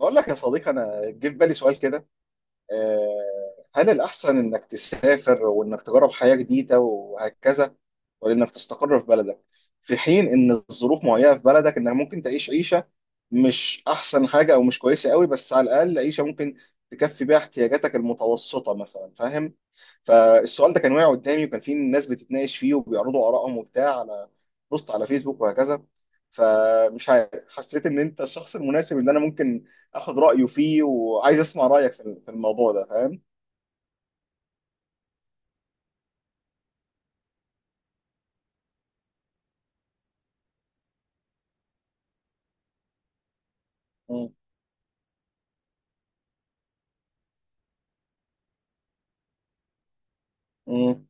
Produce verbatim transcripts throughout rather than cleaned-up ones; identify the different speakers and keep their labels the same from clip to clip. Speaker 1: بقول لك يا صديقي، انا جه في بالي سؤال كده. آه، هل الاحسن انك تسافر وانك تجرب حياة جديدة وهكذا، ولا انك تستقر في بلدك؟ في حين ان الظروف معينة في بلدك انك ممكن تعيش عيشة مش احسن حاجة او مش كويسة قوي، بس على الاقل عيشة ممكن تكفي بيها احتياجاتك المتوسطة مثلا، فاهم؟ فالسؤال ده كان واقع قدامي، وكان في ناس بتتناقش فيه وبيعرضوا آرائهم وبتاع على بوست على فيسبوك وهكذا. فمش عارف، حسيت ان انت الشخص المناسب اللي انا ممكن اخد رايه فيه، وعايز اسمع رايك في في الموضوع ده، فاهم؟ مم. مم.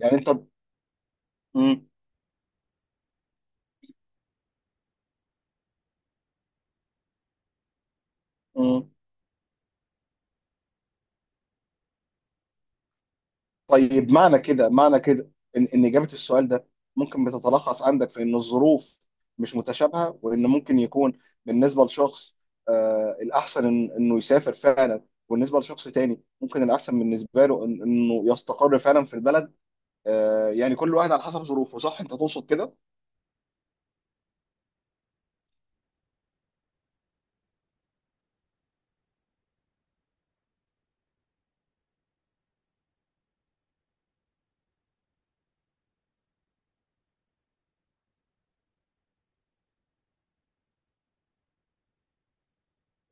Speaker 1: يعني انت. مم. مم. طيب، معنى كده، معنى كده ان ان اجابه السؤال ده ممكن بتتلخص عندك في ان الظروف مش متشابهه، وان ممكن يكون بالنسبه لشخص آه الاحسن إن انه يسافر فعلا، وبالنسبه لشخص تاني ممكن الاحسن بالنسبه له إن انه يستقر فعلا في البلد. آه، يعني كل واحد على حسب ظروفه، صح؟ انت تقصد كده؟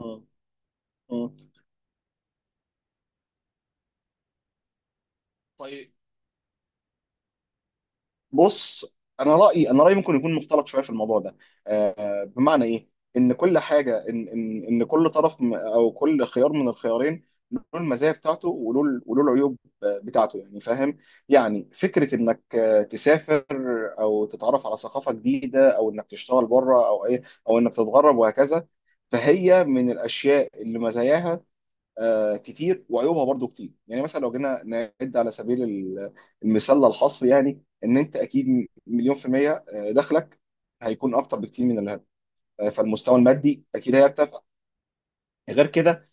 Speaker 1: مم. مم. طيب، بص، انا رايي انا رايي ممكن يكون مختلط شويه في الموضوع ده. آه، بمعنى ايه؟ ان كل حاجه، ان ان ان كل طرف م- او كل خيار من الخيارين له المزايا بتاعته، وله ال- وله العيوب بتاعته، يعني فاهم؟ يعني فكره انك آه، تسافر او تتعرف على ثقافه جديده، او انك تشتغل بره او ايه، او انك تتغرب وهكذا، فهي من الاشياء اللي مزاياها آه، كتير وعيوبها برضو كتير. يعني مثلا لو جينا نعد على سبيل ال- المثال للحصر، يعني ان انت اكيد مليون في المية آه، دخلك هيكون اكتر بكتير من الهرم. آه، فالمستوى المادي اكيد هيرتفع. غير كده،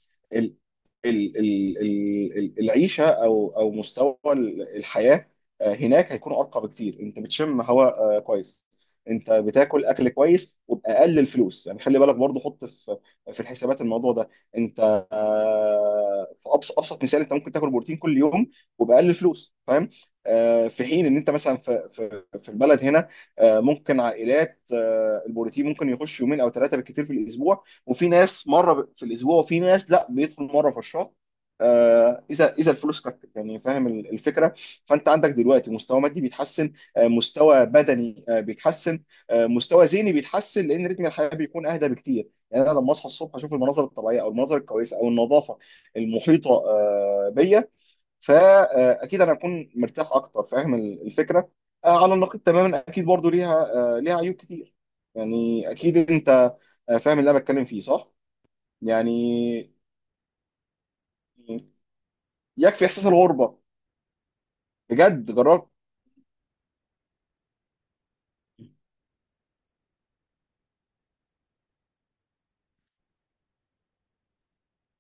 Speaker 1: ال- ال- ال- ال- العيشه او او مستوى ال- الحياه آه، هناك هيكون ارقى بكتير. انت بتشم هواء آه، كويس، انت بتاكل اكل كويس وباقل الفلوس، يعني خلي بالك برضه، حط في في الحسابات الموضوع ده. انت آه، في أبس- ابسط مثال انت ممكن تاكل بروتين كل يوم وباقل الفلوس، فاهم؟ آه، في حين ان انت مثلا في في في البلد هنا آه، ممكن عائلات، آه، البروتين ممكن يخش يومين او ثلاثه بالكثير في الاسبوع، وفي ناس مره في الاسبوع، وفي ناس لا، بيدخل مره في الشهر آه، اذا اذا الفلوس كفت، يعني فاهم ال- الفكره؟ فانت عندك دلوقتي مستوى مادي بيتحسن، آه، مستوى بدني آه، بيتحسن، آه، مستوى ذهني بيتحسن، لان رتم الحياه بيكون اهدى بكتير. يعني انا لما اصحى الصبح اشوف المناظر الطبيعيه او المناظر الكويسه او النظافه المحيطه آه، بيا، فاكيد انا هكون مرتاح اكتر، فاهم ال- الفكره؟ آه، على النقيض تماما اكيد برضو ليها آه، ليها عيوب كتير. يعني اكيد انت آه، فاهم اللي انا بتكلم فيه، صح؟ يعني يكفي احساس الغربه. بجد جربت؟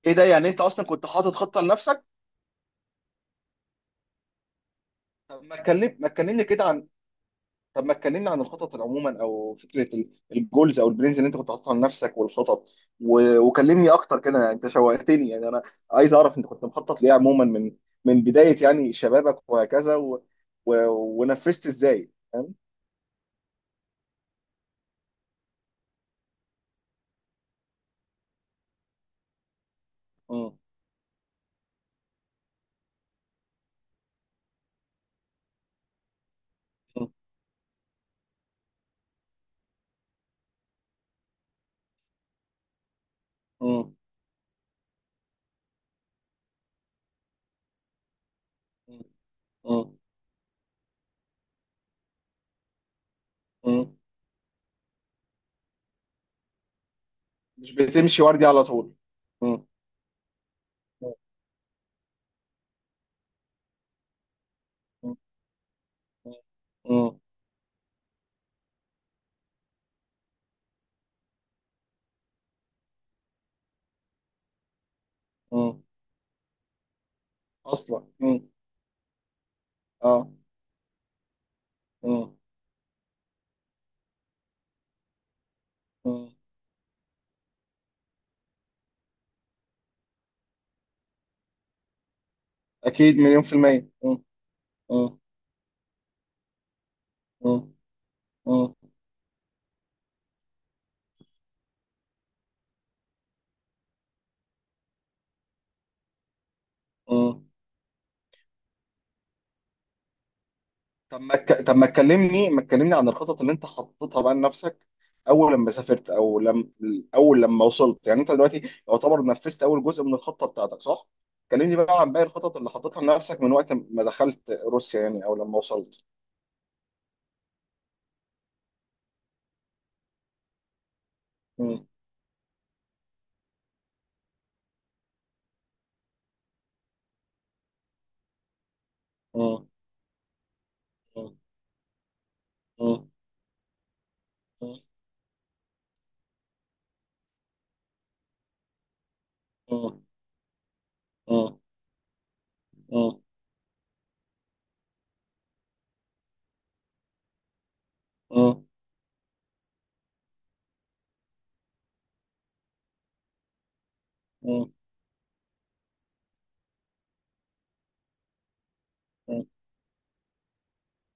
Speaker 1: ايه ده! يعني انت اصلا كنت حاطط خطه لنفسك؟ طب ما اتكلم ما اتكلمني كده عن، طب ما اتكلمني عن الخطط عموما او فكره ال- الجولز او البلانز اللي انت كنت حاططها لنفسك والخطط و... وكلمني اكتر كده، يعني انت شوقتني. يعني انا عايز اعرف انت كنت مخطط ليه عموما من من بدايه يعني شبابك وهكذا و... و... ونفذت ازاي، فاهم؟ م- م- م- م- م- م- مش بتمشي وردي على طول. م- مم. مم. اصلا مم. اه. مم. مم. اكيد مليون في المية. مم. مم. مم. مم. مم. طب ما ك... طب ما تكلمني ما تكلمني عن الخطط اللي انت حطيتها بقى لنفسك اول لما سافرت او لما اول لما وصلت. يعني انت دلوقتي يعتبر نفذت اول جزء من الخطة بتاعتك، صح؟ كلمني بقى عن باقي الخطط اللي حطيتها لنفسك من وقت ما دخلت روسيا، يعني او لما وصلت. مم. مم. مم. مم. مم. مم. مم. مم. مم.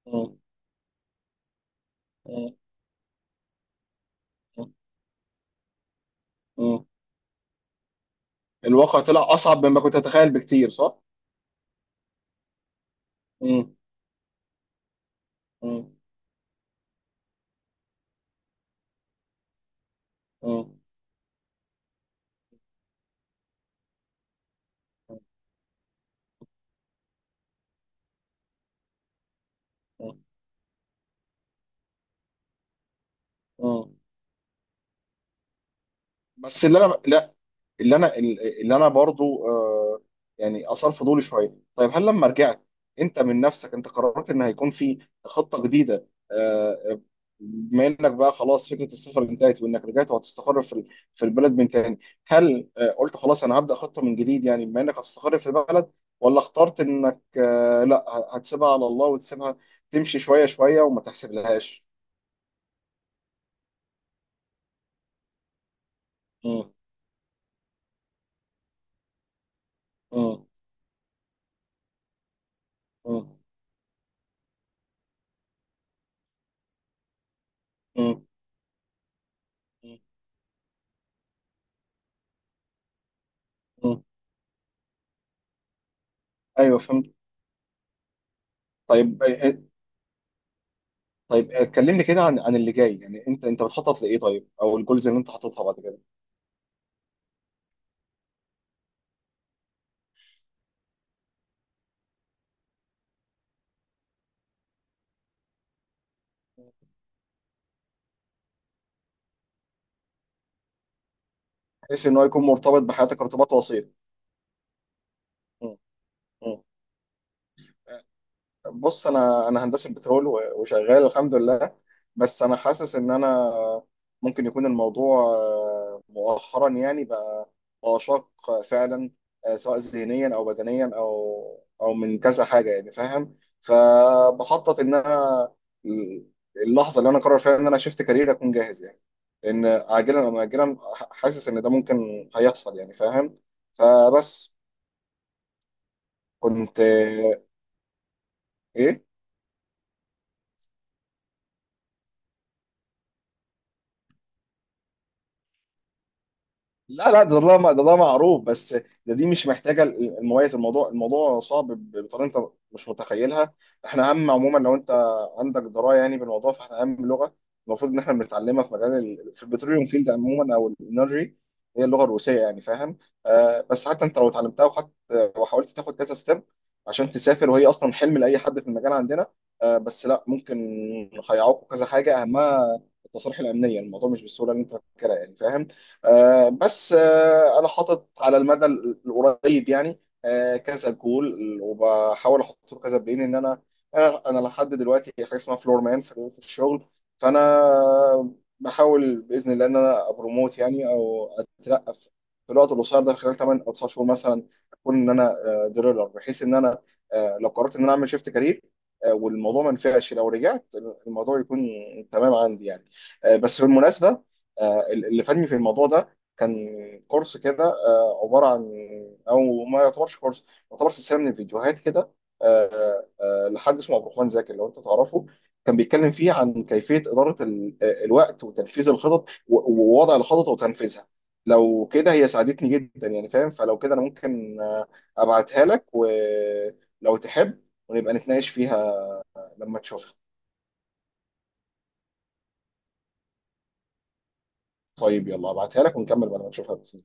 Speaker 1: مم. مم. مم. الواقع طلع أصعب مما كنت أتخيل بكتير، صح؟ مم. مم. مم. مم. بس اللي انا لا اللي انا اللي انا برضو آه، يعني اثار فضولي شويه. طيب، هل لما رجعت انت من نفسك انت قررت ان هيكون في خطه جديده آه، بما انك بقى خلاص فكره السفر انتهت، وانك رجعت وهتستقر في ال- في البلد من تاني، هل آه قلت خلاص انا هبدا خطه من جديد، يعني بما انك هتستقر في البلد، ولا اخترت انك آه لا ه- هتسيبها على الله وتسيبها تمشي شويه شويه وما تحسب لهاش؟ مم، مم، مم، مم، مم. ايوه فهمت. طيب آه، طيب آه، كلمني كده عن عن اللي جاي. يعني انت انت بتخطط لايه طيب، او الجولز اللي انت حاططها بعد كده، بحيث ان هو يكون مرتبط بحياتك ارتباط وثيق؟ م. م. بص، انا انا هندسه بترول و- وشغال الحمد لله، بس انا حاسس ان انا ممكن يكون الموضوع آه، مؤخرا يعني بقى بقى شاق آه، فعلا، آه، سواء ذهنيا او بدنيا او او من كذا حاجه، يعني فاهم؟ فبخطط ان انا اللحظه اللي انا قرر فيها ان انا شفت كارير اكون جاهز، يعني لان عاجلا او اجلا حاسس ان ده ممكن هيحصل، يعني فاهم؟ فبس كنت آه، ايه. لا لا، ده ده ده ده معروف، بس ده دي مش محتاجه المميز. الموضوع، الموضوع صعب ب- بطريقه انت مش متخيلها. احنا اهم عموما، لو انت عندك درايه يعني بالموضوع، فاحنا اهم لغه المفروض ان احنا بنتعلمها في مجال ال- في البتروليوم فيلد عموما او الانرجي، هي اللغه الروسيه، يعني فاهم؟ آه، بس حتى انت لو اتعلمتها وخدت وحاولت تاخد كذا ستيب عشان تسافر، وهي اصلا حلم لاي حد في المجال عندنا، آه بس لا ممكن هيعوقوا كذا حاجه، اهمها التصاريح الامنيه. الموضوع مش بالسهوله اللي انت فاكرها، يعني فاهم؟ آه، بس آه، انا حاطط على المدى ال- القريب يعني آه، كذا جول، وبحاول احطه كذا بلين. ان انا انا أنا لحد دلوقتي حاجه اسمها فلور مان في في الشغل، فانا بحاول باذن الله ان انا ابروموت يعني او اترقى في في الوقت القصير ده، خلال تمانية او تسعة شهور مثلا اكون ان انا دريلر، بحيث ان انا آه، لو قررت ان انا اعمل شيفت كارير آه، والموضوع ما نفعش لو رجعت الموضوع يكون تمام عندي يعني. آه، بس بالمناسبه، آه، اللي فادني في الموضوع ده كان كورس كده آه، عباره عن، او ما يعتبرش كورس، يعتبر سلسله من الفيديوهات كده آه، آه، لحد اسمه عبد الرحمن زاكر، لو انت تعرفه. كان بيتكلم فيه عن كيفيه اداره ال- آه، الوقت وتنفيذ الخطط و- ووضع الخطط وتنفيذها. لو كده، هي ساعدتني جدا يعني فاهم. فلو كده انا ممكن آه، ابعتها لك، ولو تحب ونبقى نتناقش فيها لما تشوفها. طيب، يلا ابعتها لك ونكمل بعد ما تشوفها بس.